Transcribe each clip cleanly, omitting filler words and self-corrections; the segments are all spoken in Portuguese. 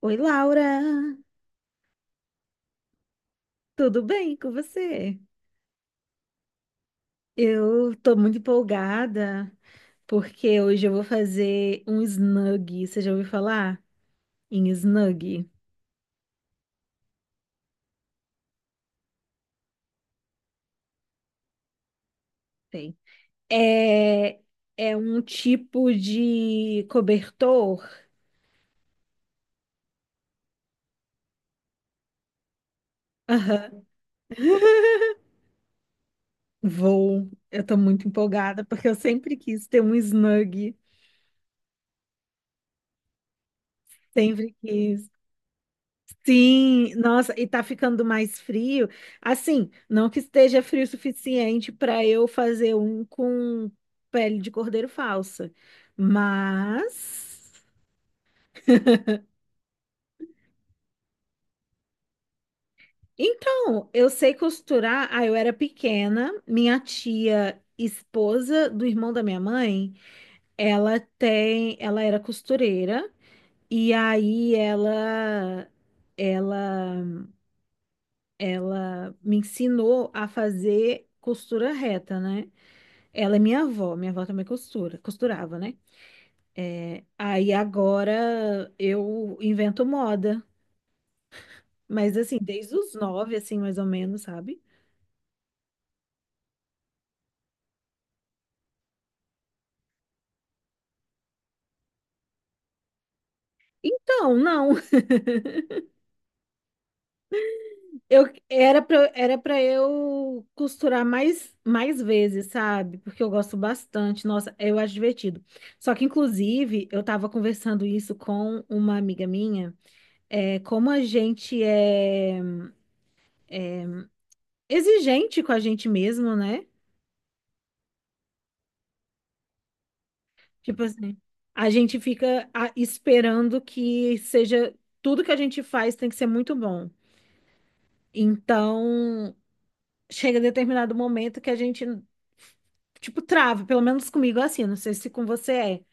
Oi, Laura! Tudo bem com você? Eu tô muito empolgada porque hoje eu vou fazer um snug. Você já ouviu falar em snug? Tem. É, é um tipo de cobertor. Aham. Vou. Eu tô muito empolgada porque eu sempre quis ter um snug. Sempre quis. Sim, nossa, e tá ficando mais frio. Assim, não que esteja frio o suficiente para eu fazer um com pele de cordeiro falsa. Mas. Então, eu sei costurar. Ah, eu era pequena, minha tia, esposa do irmão da minha mãe, ela era costureira e aí ela ela me ensinou a fazer costura reta, né? Ela é minha avó também costura, costurava, né? Aí agora eu invento moda, mas assim, desde os 9, assim, mais ou menos, sabe? Então, não, eu era pra eu costurar mais vezes, sabe? Porque eu gosto bastante, nossa, eu acho divertido. Só que, inclusive, eu tava conversando isso com uma amiga minha, como a gente é exigente com a gente mesmo, né? Tipo assim, a gente fica esperando que seja tudo que a gente faz tem que ser muito bom. Então, chega determinado momento que a gente, tipo, trava, pelo menos comigo é assim, não sei se com você é,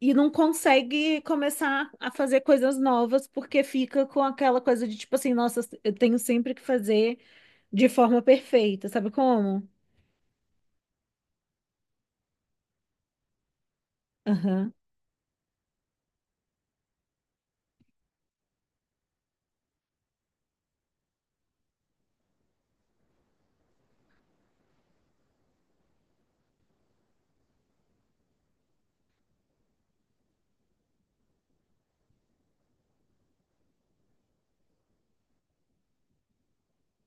e não consegue começar a fazer coisas novas porque fica com aquela coisa de tipo assim, nossa, eu tenho sempre que fazer de forma perfeita, sabe como? Aham.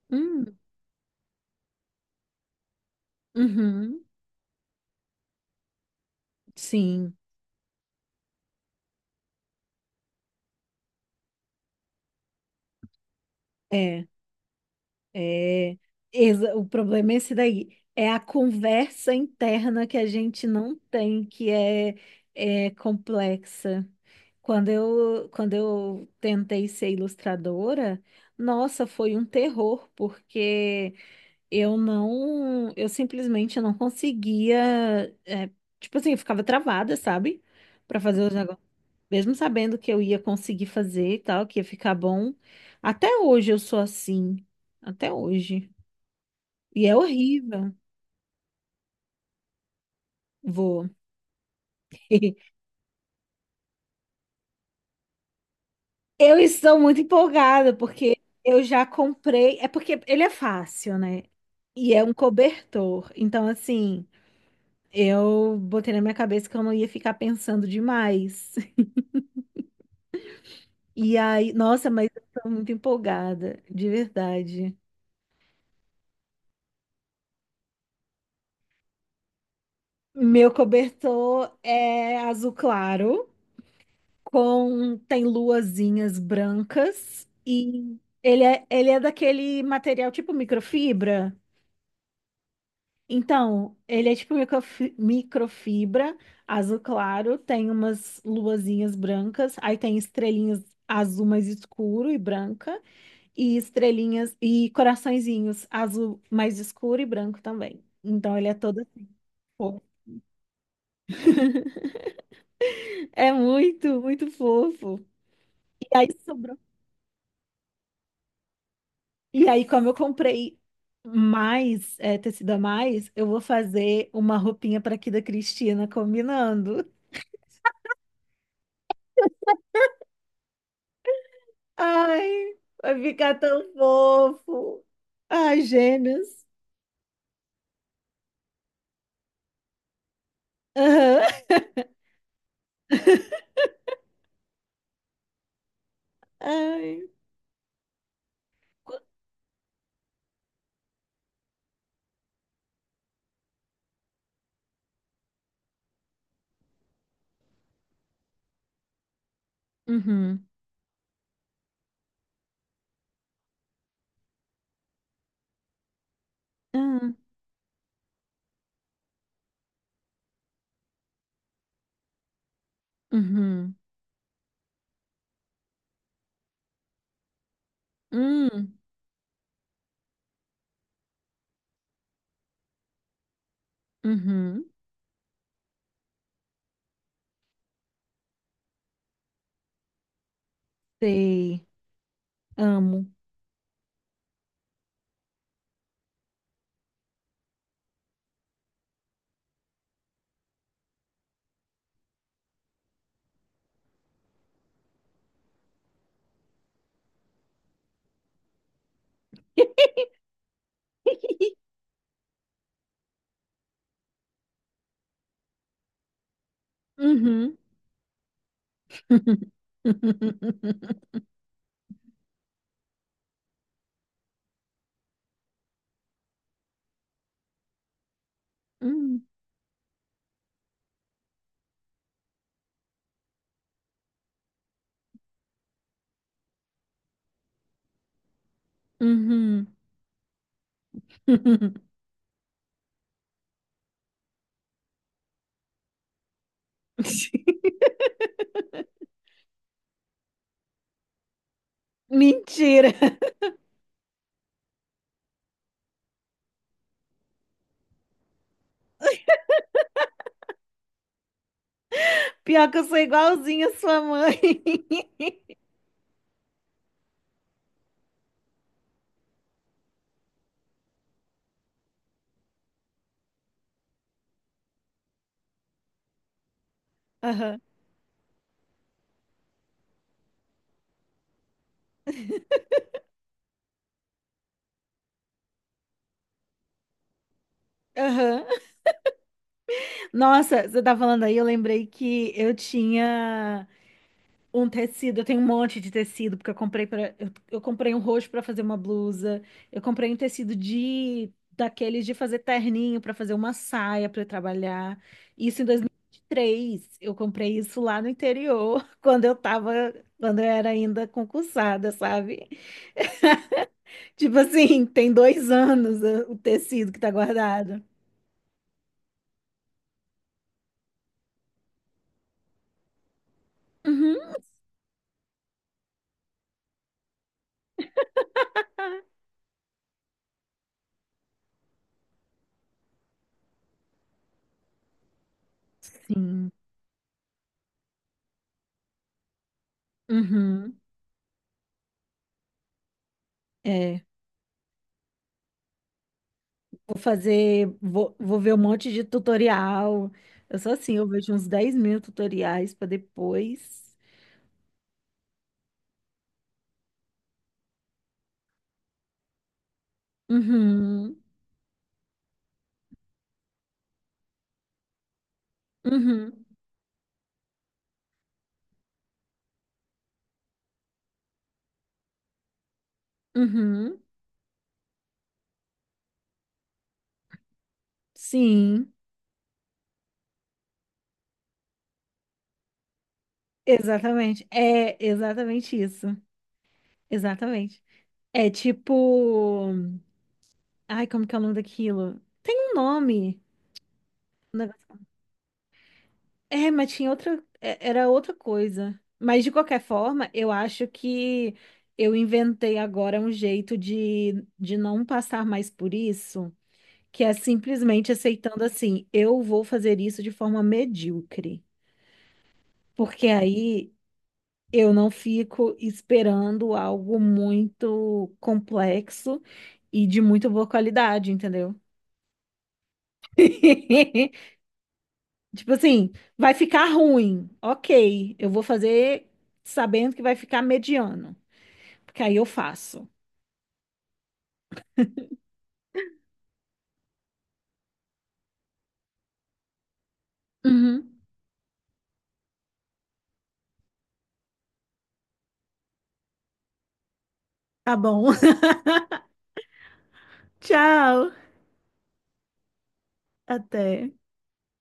Hum. Uhum. Sim. É. É, o problema é esse daí. É a conversa interna que a gente não tem, que é complexa. Quando eu tentei ser ilustradora, nossa, foi um terror, porque eu simplesmente não conseguia, é, tipo assim, eu ficava travada, sabe? Para fazer os negócios. Mesmo sabendo que eu ia conseguir fazer e tal, que ia ficar bom, até hoje eu sou assim. Até hoje. E é horrível. Vou. Eu estou muito empolgada porque eu já comprei. É porque ele é fácil, né? E é um cobertor. Então, assim, eu botei na minha cabeça que eu não ia ficar pensando demais. E aí, nossa, mas eu estou muito empolgada, de verdade. Meu cobertor é azul claro, com tem luazinhas brancas e ele é daquele material tipo microfibra. Então, ele é tipo microfibra, azul claro, tem umas luazinhas brancas, aí tem estrelinhas azul mais escuro e branca, e estrelinhas e coraçõezinhos azul mais escuro e branco também. Então, ele é todo assim, fofo. É muito, muito fofo. E aí, E aí, como eu comprei mais, tecido a mais, eu vou fazer uma roupinha para aqui da Cristina combinando. Ai, vai ficar tão fofo. Ai, gêmeos. Aham. Ai. Qu- Uhum. Uhum. Uhum. Uhum. Uhum. Sei. Amo. Uhum. Uhum. Uhum. Mentira. Pior que eu sou igualzinha à sua mãe. Aham, aham. Nossa, você tá falando aí, eu lembrei que eu tinha um tecido, eu tenho um monte de tecido, porque eu comprei eu comprei um roxo pra fazer uma blusa, eu comprei um tecido de daqueles de fazer terninho pra fazer uma saia pra eu trabalhar. Isso em 2023. Eu comprei isso lá no interior, quando eu era ainda concursada, sabe? Tipo assim, tem 2 anos, o tecido que tá guardado. Uhum. Sim. Uhum. É. Vou fazer. Vou ver um monte de tutorial. Eu sou assim, eu vejo uns 10.000 tutoriais pra depois. Uhum. Uhum. Uhum. Sim. Exatamente. É exatamente isso. Exatamente. É tipo. Ai, como que é o nome daquilo? Tem um nome. um É, mas tinha outra, era outra coisa. Mas de qualquer forma, eu acho que eu inventei agora um jeito de não passar mais por isso, que é simplesmente aceitando assim, eu vou fazer isso de forma medíocre. Porque aí eu não fico esperando algo muito complexo e de muito boa qualidade, entendeu? Tipo assim, vai ficar ruim. Ok, eu vou fazer sabendo que vai ficar mediano. Porque aí eu faço. Uhum. Tá bom. Tchau. Até.